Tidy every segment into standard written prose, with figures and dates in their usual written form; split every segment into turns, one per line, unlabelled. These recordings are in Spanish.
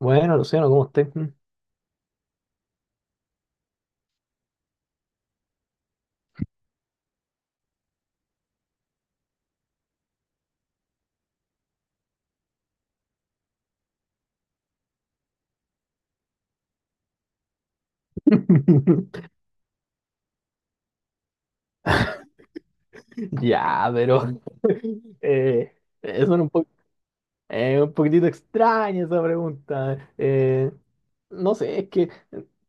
Bueno, Luciano, ¿cómo estás? Ya, pero eh, es un, un poquitito extraña esa pregunta. No sé, es que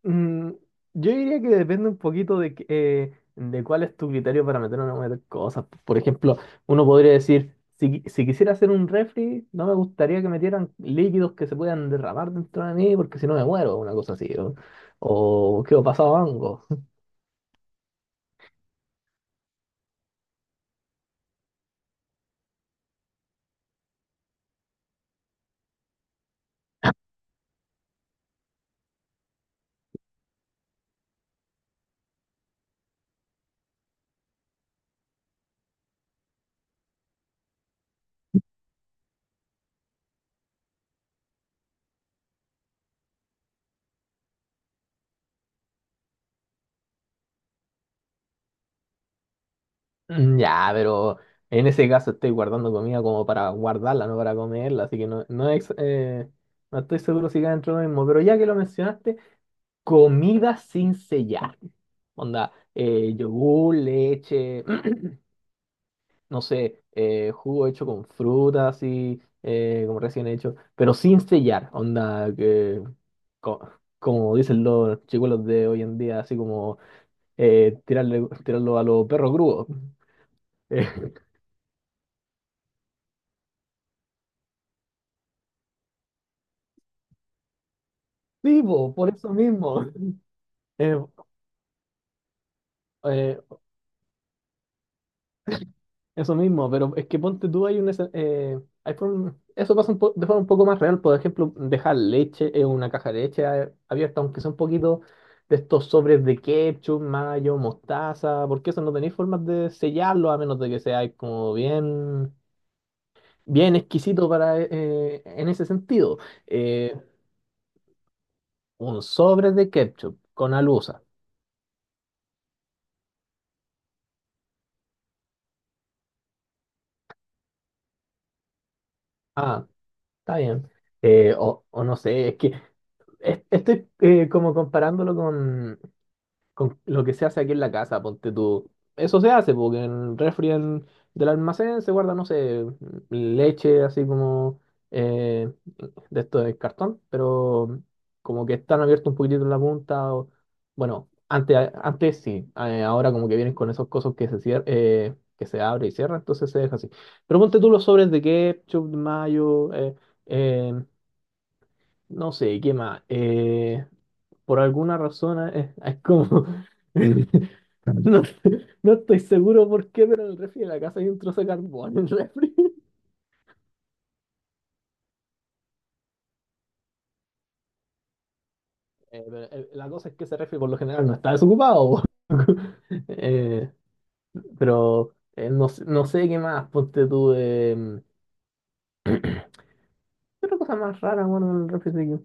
mm, yo diría que depende un poquito de, de cuál es tu criterio para meter o no meter cosas. Por ejemplo, uno podría decir, si, si quisiera hacer un refri, no me gustaría que metieran líquidos que se puedan derramar dentro de mí porque si no me muero, una cosa así. O quedo pasado a hongos. Mm, ya, pero en ese caso estoy guardando comida como para guardarla, no para comerla, así que no, no estoy seguro si cae dentro de lo mismo. Pero ya que lo mencionaste, comida sin sellar. Onda, yogur, leche, no sé, jugo hecho con fruta, así como recién hecho, pero sin sellar. Onda, que, co- como dicen los chicuelos de hoy en día, así como tirarlo a los perros grúos. Sí, po, por eso mismo. Eh, eh, eso mismo, pero es que ponte tú, hay hay eso pasa un de forma un poco más real. Por ejemplo, dejar leche en una caja de leche abierta, aunque sea un poquito de estos sobres de ketchup, mayo, mostaza, porque eso no tenéis formas de sellarlo a menos de que sea como bien, bien exquisito para, en ese sentido. Eh, un sobre de ketchup con alusa. Ah, está bien. O, o no sé, es que estoy como comparándolo con lo que se hace aquí en la casa, ponte tú. Eso se hace, porque en el del almacén se guarda, no sé, leche así como eh, de esto de cartón, pero como que están abiertos un poquitito en la punta. Bueno, antes, antes sí, ahora como que vienen con esos cosos que se que se abre y cierra, entonces se deja así. Pero ponte tú los sobres de ketchup, de mayo. Eh, no sé, ¿qué más? Por alguna razón es, como... no, no estoy seguro por qué, pero en el refri de la casa hay un trozo de carbón en el refri. La cosa es que ese refri por lo general no está desocupado. Po. Eh, no, no sé qué más, ponte tú. ¿Qué otra cosa más rara, bueno, en el refri?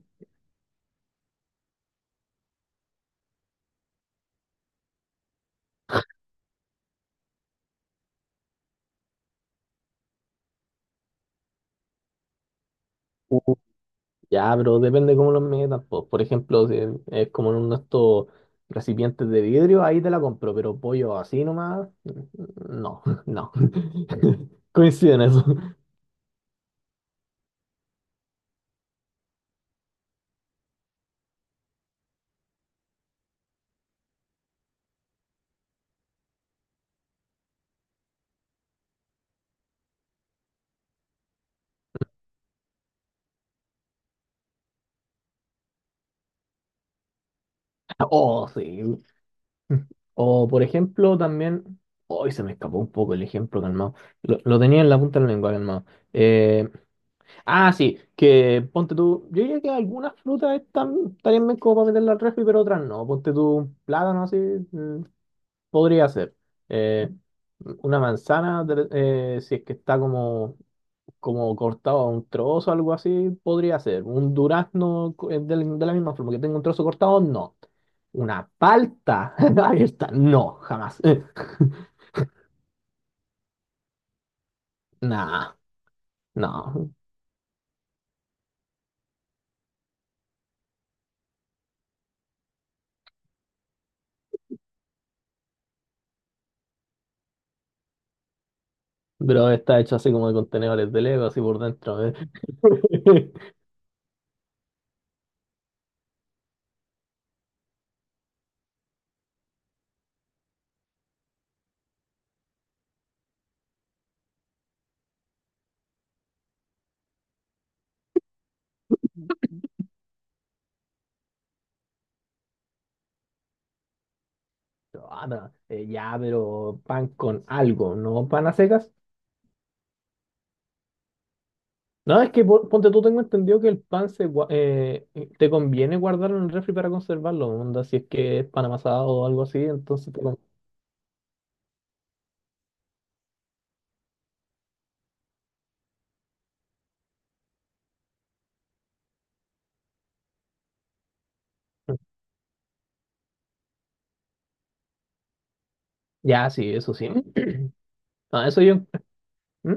Ya, pero depende cómo los metas. Po. Por ejemplo, si es como en uno de estos recipientes de vidrio, ahí te la compro, pero pollo así nomás, no, no. Coincide en eso. Oh, sí. O, por ejemplo, también. Hoy se me escapó un poco el ejemplo, calmado. Lo tenía en la punta de la lengua, calmado. Eh, ah, sí, que ponte tú. Yo diría que algunas frutas estarían bien como para meterlas al refri, pero otras no. Ponte tú un plátano así. Podría ser. eh, una manzana, si es que está como, como cortado a un trozo, algo así, podría ser. Un durazno de, la misma forma que tengo un trozo cortado, no. Una palta abierta, no, jamás. Nah, no. Pero está hecho así como de contenedores de Lego, así por dentro. Ah, no, ya, pero pan con algo, no pan a secas. No, es que ponte tú, tengo entendido que el pan se, te conviene guardarlo en el refri para conservarlo, onda, si es que es pan amasado o algo así, entonces ya, sí, eso sí. No, eso yo... ¿Mm?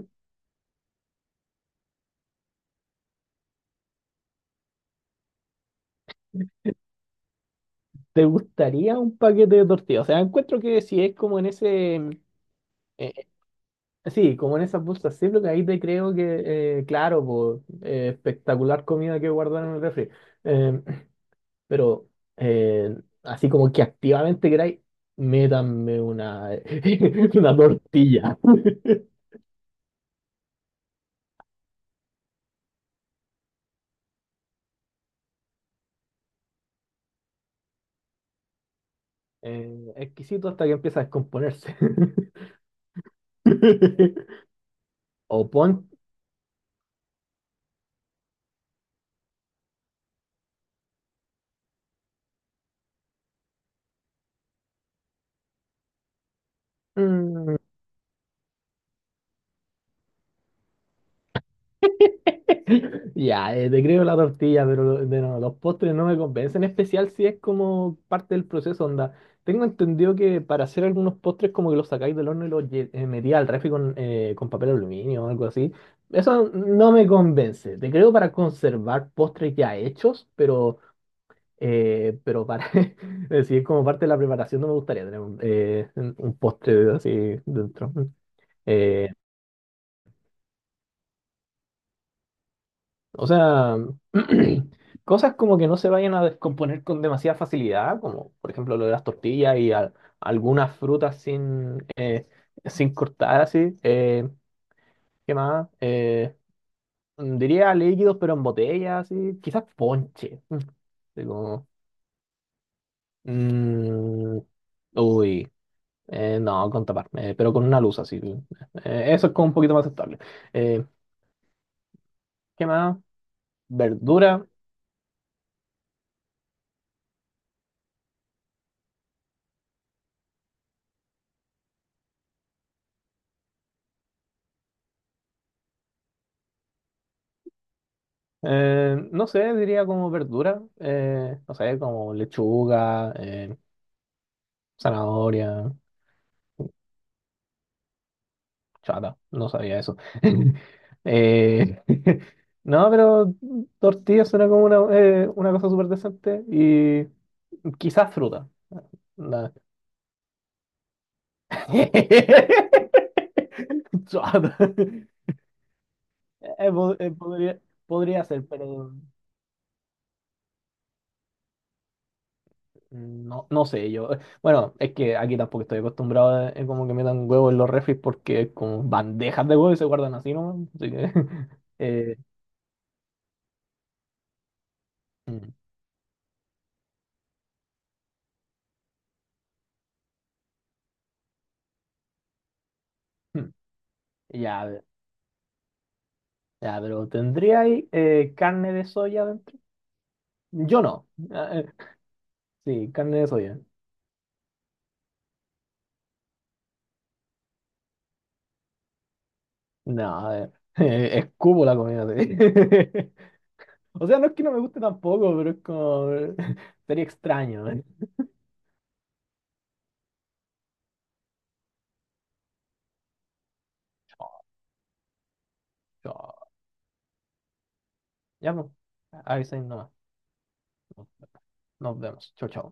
¿Te gustaría un paquete de tortillas? O sea, encuentro que si es como en ese... eh, sí, como en esas bolsas sí, ziploc, ahí te creo que, claro, po, espectacular comida que guardar en el refri. Eh, pero eh, Así como que activamente queráis, métanme una, una tortilla. Exquisito hasta que empieza a descomponerse. O pon... mm, ya, te creo la tortilla, pero lo- de no, los postres no me convencen, en especial si es como parte del proceso, onda. Tengo entendido que para hacer algunos postres como que los sacáis del horno y los metí al refri con papel aluminio o algo así. Eso no me convence. Te creo para conservar postres ya hechos, pero para decir como parte de la preparación no me gustaría tener un postre así dentro. Eh, O sea, cosas como que no se vayan a descomponer con demasiada facilidad, como por ejemplo lo de las tortillas y algunas frutas sin, sin cortar así. ¿Qué más? Diría líquidos pero en botella, así. Quizás ponche. Así como, mm, uy, no, con tapar, pero con una luz así. Eso es como un poquito más aceptable. Eh, ¿Qué más? Verdura no sé, diría como verdura, no sé, como lechuga, zanahoria, chata, no sabía eso. Eh, no, pero tortilla suena como una cosa súper decente y quizás fruta. La- Chata. Eh, po- eh, podría, podría ser, pero no, no sé, yo. Bueno, es que aquí tampoco estoy acostumbrado a como que metan huevos en los refris porque es como bandejas de huevos y se guardan así nomás. Así que. eh, mm, mm. Ya, a ver, ya, pero ¿tendría ahí carne de soya dentro? Yo no. Sí, carne de soya. No, a ver. Escupo la comida así. O sea, no es que no me guste tampoco, pero es como. Sería extraño. ¿Eh? Chao, chao. Ya, pues. Ahí se nomás. Nos vemos. Chao, chao.